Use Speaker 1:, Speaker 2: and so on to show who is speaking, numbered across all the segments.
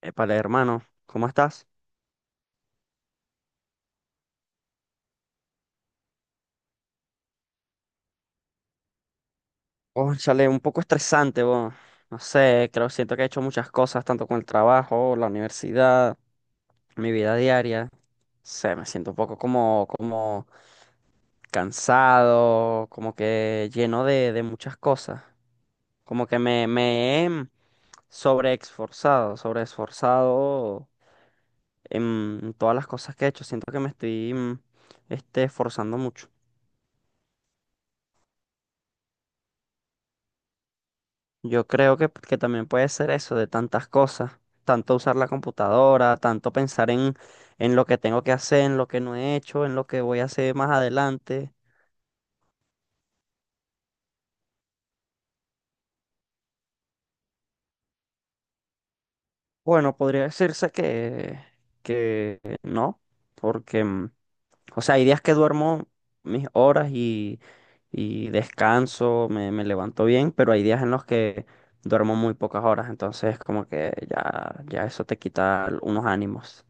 Speaker 1: Épale, hermano, ¿cómo estás? Oh, chale, un poco estresante, bo. No sé, creo, siento que he hecho muchas cosas, tanto con el trabajo, la universidad, mi vida diaria. No sé, me siento un poco como, como cansado, como que lleno de muchas cosas. Como que me he sobreexforzado, sobreesforzado en todas las cosas que he hecho. Siento que me estoy, esforzando mucho. Yo creo que también puede ser eso de tantas cosas, tanto usar la computadora, tanto pensar en lo que tengo que hacer, en lo que no he hecho, en lo que voy a hacer más adelante. Bueno, podría decirse que no, porque, o sea, hay días que duermo mis horas y descanso, me levanto bien, pero hay días en los que duermo muy pocas horas, entonces como que ya, ya eso te quita unos ánimos.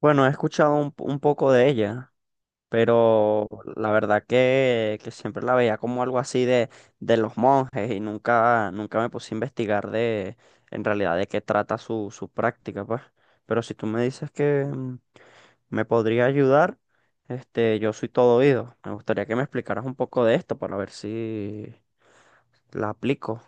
Speaker 1: Bueno, he escuchado un poco de ella, pero la verdad que siempre la veía como algo así de los monjes y nunca, nunca me puse a investigar de en realidad de qué trata su práctica, pues. Pero si tú me dices que me podría ayudar, este, yo soy todo oído. Me gustaría que me explicaras un poco de esto para ver si la aplico.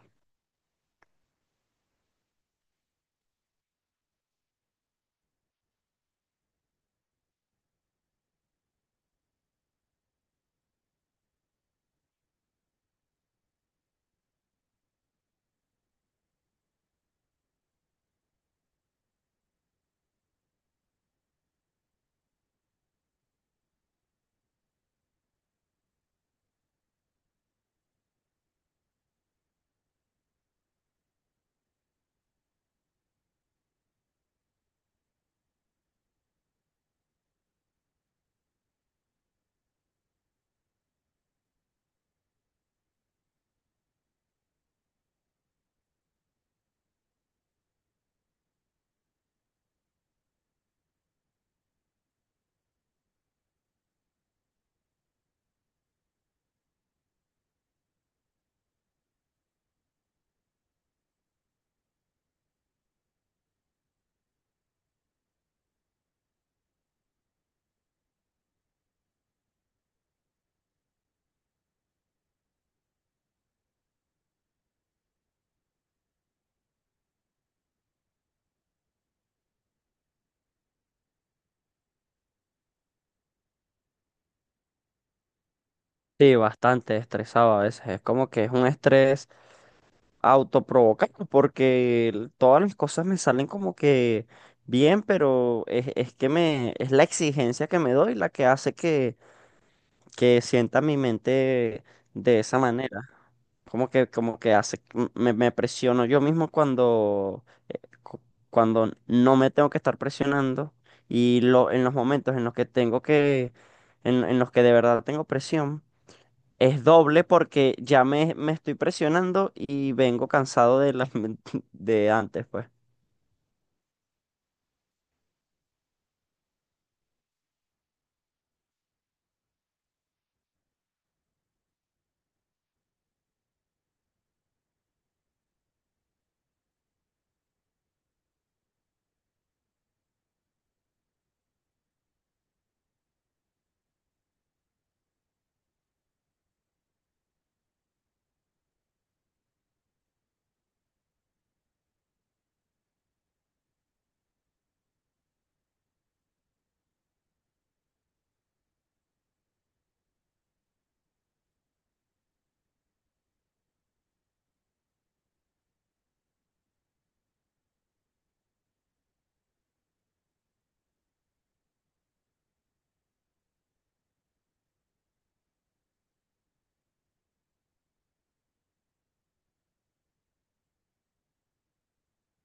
Speaker 1: Sí, bastante estresado a veces. Es como que es un estrés autoprovocado porque todas las cosas me salen como que bien, pero es que es la exigencia que me doy la que hace que sienta mi mente de esa manera. Como que hace, me presiono yo mismo cuando, cu- cuando no me tengo que estar presionando y lo, en los momentos en los que tengo que, en los que de verdad tengo presión. Es doble porque ya me estoy presionando y vengo cansado de las de antes, pues.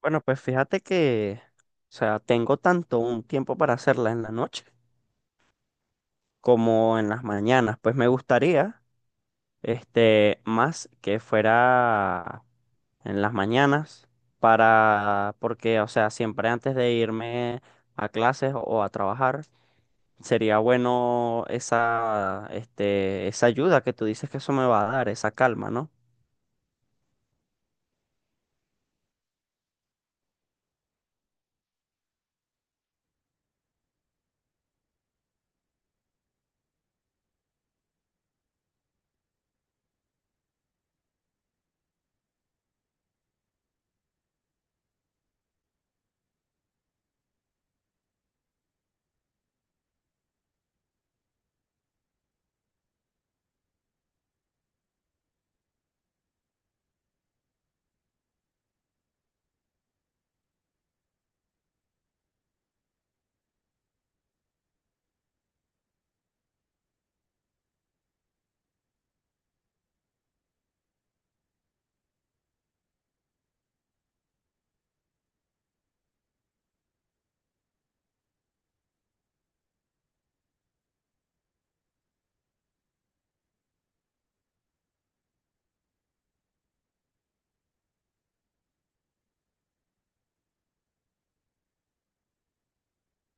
Speaker 1: Bueno, pues fíjate que, o sea, tengo tanto un tiempo para hacerla en la noche como en las mañanas. Pues me gustaría, este, más que fuera en las mañanas para, porque, o sea, siempre antes de irme a clases o a trabajar, sería bueno esa, este, esa ayuda que tú dices que eso me va a dar, esa calma, ¿no?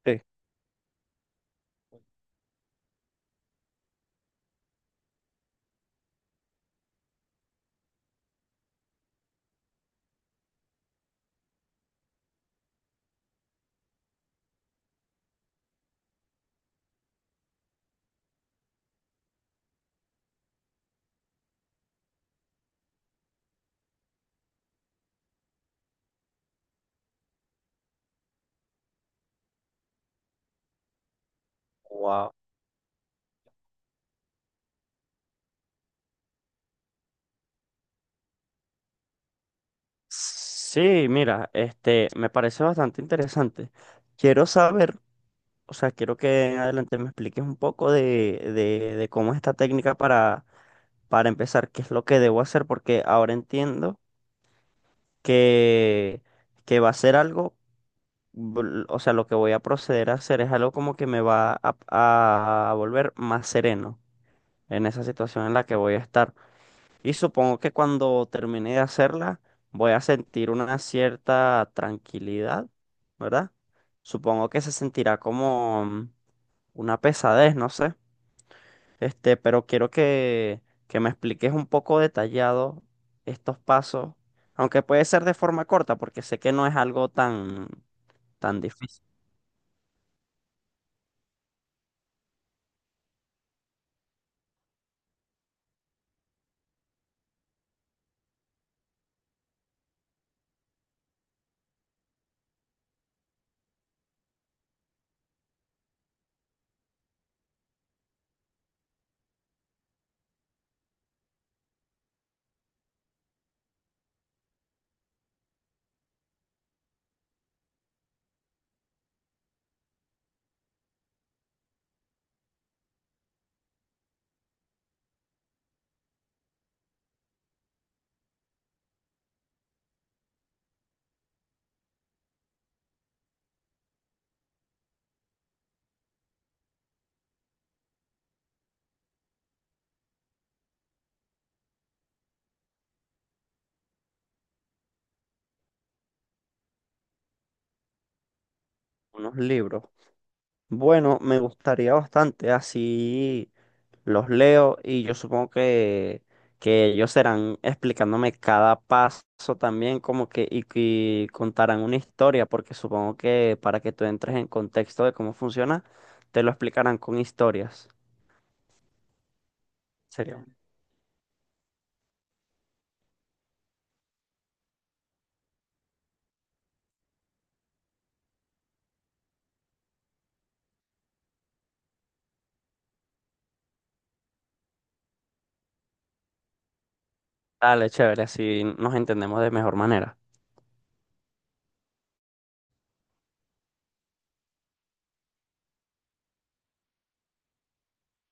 Speaker 1: Sí. Wow. Sí, mira, este, me parece bastante interesante. Quiero saber, o sea, quiero que en adelante me expliques un poco de cómo es esta técnica para empezar, qué es lo que debo hacer, porque ahora entiendo que, que va a ser algo, o sea, lo que voy a proceder a hacer es algo como que me va a volver más sereno en esa situación en la que voy a estar. Y supongo que cuando termine de hacerla, voy a sentir una cierta tranquilidad, ¿verdad? Supongo que se sentirá como una pesadez, no sé. Este, pero quiero que me expliques un poco detallado estos pasos, aunque puede ser de forma corta, porque sé que no es algo tan, tan difícil. Unos libros. Bueno, me gustaría bastante, así los leo y yo supongo que ellos serán explicándome cada paso también, como que y contarán una historia, porque supongo que para que tú entres en contexto de cómo funciona, te lo explicarán con historias. Sería, dale, chévere, así nos entendemos de mejor manera.